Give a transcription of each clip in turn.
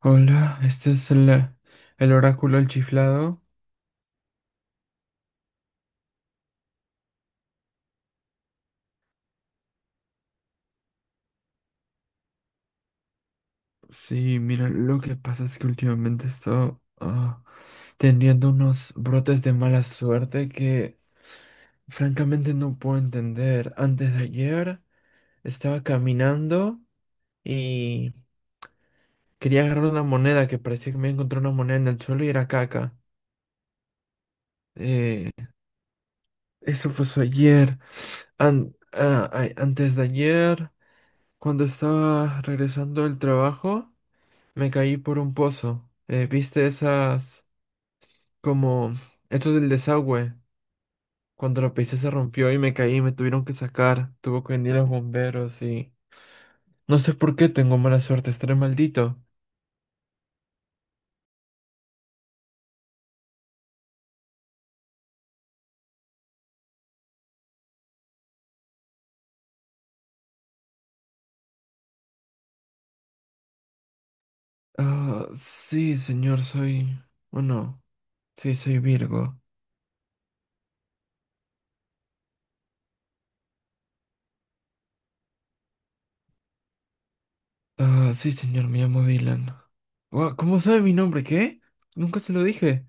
Hola, este es el oráculo del chiflado. Sí, mira, lo que pasa es que últimamente he estado teniendo unos brotes de mala suerte que francamente no puedo entender. Antes de ayer estaba caminando y quería agarrar una moneda que parecía que me encontré una moneda en el suelo y era caca. Eh, eso fue eso ayer. Antes de ayer, cuando estaba regresando del trabajo. Me caí por un pozo. ¿Viste esas como eso del desagüe? Cuando la pisé se rompió y me caí y me tuvieron que sacar. Tuvo que venir los bomberos y no sé por qué tengo mala suerte, estaré maldito. Ah, sí, señor, soy bueno, sí, soy Virgo. Ah, sí, señor, me llamo Dylan. Guau, ¿cómo sabe mi nombre? ¿Qué? Nunca se lo dije.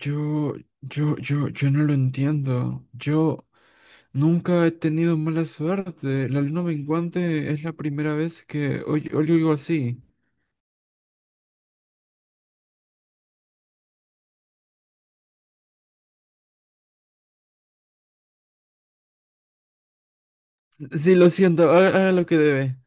Yo, yo no lo entiendo. Yo nunca he tenido mala suerte. La luna menguante es la primera vez que oigo algo así. Sí, lo siento, haga, haga lo que debe.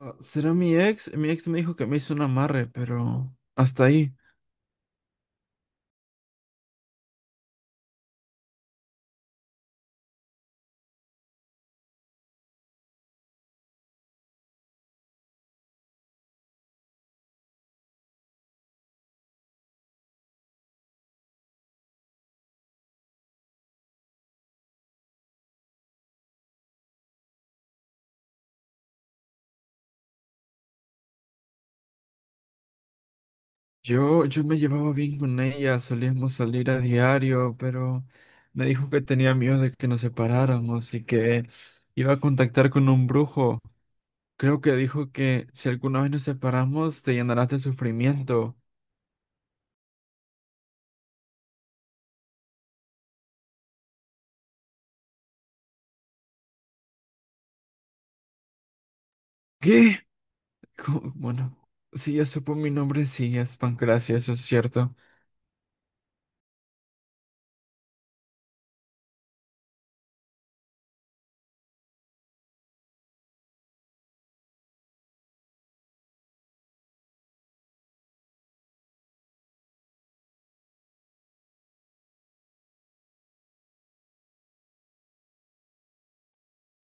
Ah, ¿será mi ex? Mi ex me dijo que me hizo un amarre, pero hasta ahí. Yo me llevaba bien con ella, solíamos salir a diario, pero me dijo que tenía miedo de que nos separáramos y que iba a contactar con un brujo. Creo que dijo que si alguna vez nos separamos, te llenarás de sufrimiento. ¿Qué? Bueno, si ya supo mi nombre, sí, es Pancracia, eso es cierto.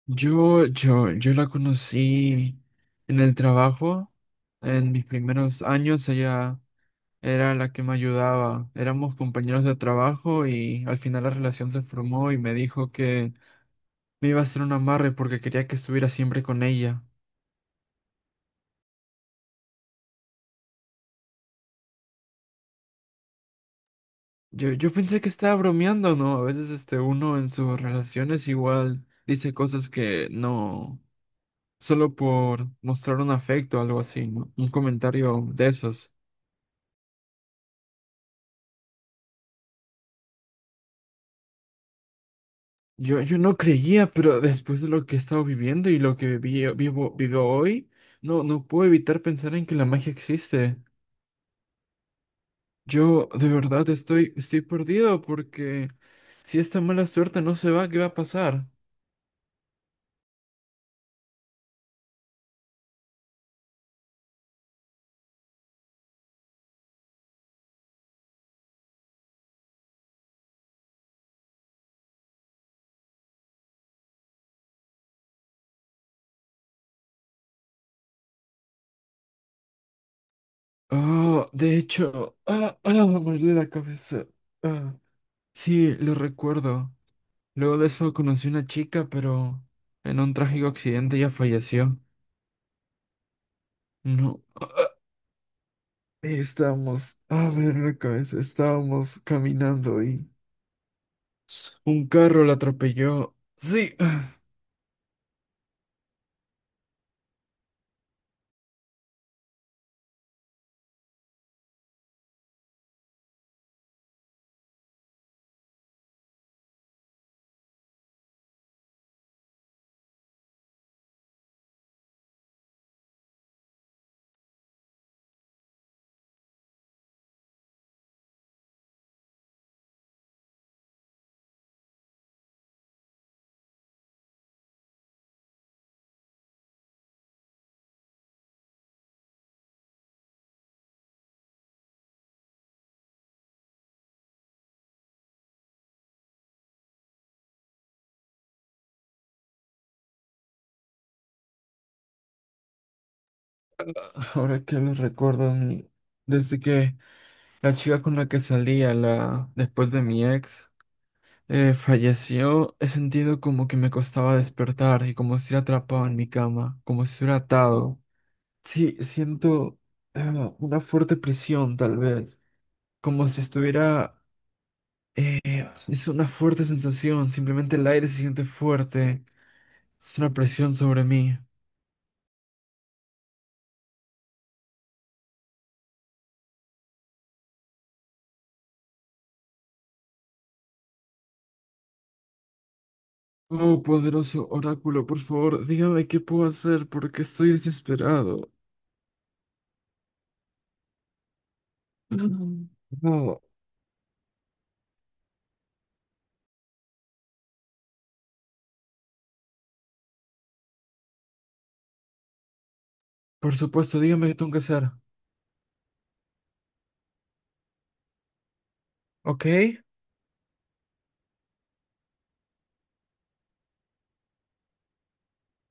Yo la conocí en el trabajo, en mis primeros años, ella era la que me ayudaba. Éramos compañeros de trabajo y al final la relación se formó y me dijo que me iba a hacer un amarre porque quería que estuviera siempre con ella. Yo pensé que estaba bromeando, ¿no? A veces este uno en sus relaciones igual dice cosas que no. Solo por mostrar un afecto o algo así, ¿no? Un comentario de esos. Yo no creía, pero después de lo que he estado viviendo y lo que vivo, vivo hoy, no, no puedo evitar pensar en que la magia existe. Yo de verdad estoy, estoy perdido porque si esta mala suerte no se va, ¿qué va a pasar? Oh, de hecho, me duele la cabeza. Ah, sí, lo recuerdo. Luego de eso conocí una chica, pero en un trágico accidente ella falleció. No. Ahí estábamos. A ver la cabeza. Estábamos caminando y un carro la atropelló. Sí. Ahora que lo recuerdo, desde que la chica con la que salía, la después de mi ex, falleció, he sentido como que me costaba despertar y como si estuviera atrapado en mi cama, como si estuviera atado. Sí, siento una fuerte presión, tal vez, como si estuviera. Es una fuerte sensación, simplemente el aire se siente fuerte. Es una presión sobre mí. Oh, poderoso oráculo, por favor, dígame qué puedo hacer porque estoy desesperado. Mm. No, por supuesto, dígame qué tengo que hacer. ¿Ok?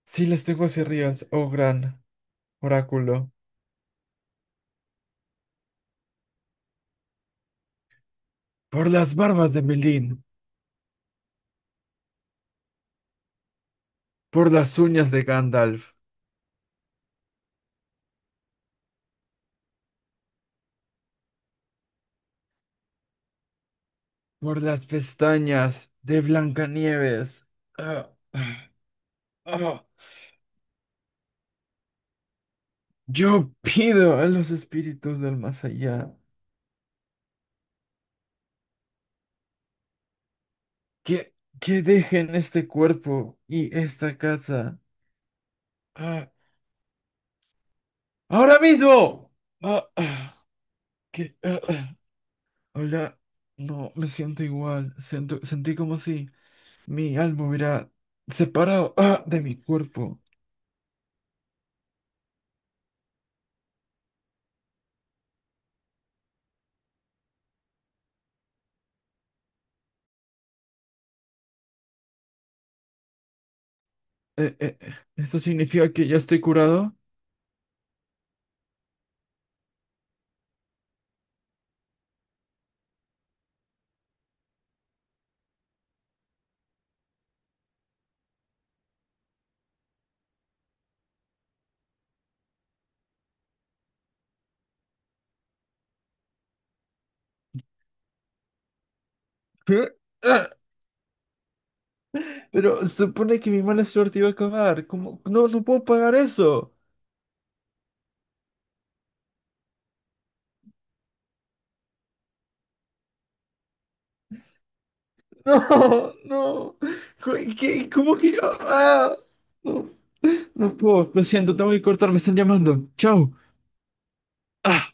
Sí, les tengo hacia arriba, oh gran oráculo. Por las barbas de Melín, por las uñas de Gandalf, por las pestañas de Blancanieves. Ah, ah, ah. Yo pido a los espíritus del más allá que, que dejen este cuerpo y esta casa. Ah, ahora mismo. Ah, ah, que, ah, ah. Hola, no, me siento igual. Siento, sentí como si mi alma hubiera separado de mi cuerpo. ¿Eso significa que ya estoy curado? ¿Eh? Ah, pero supone que mi mala suerte iba a acabar. ¿Cómo? No, no puedo pagar eso. No, no. Co- ¿Qué? ¿Cómo que yo? Ah, no, no puedo. Lo siento, tengo que cortar, me están llamando. Chao. Ah.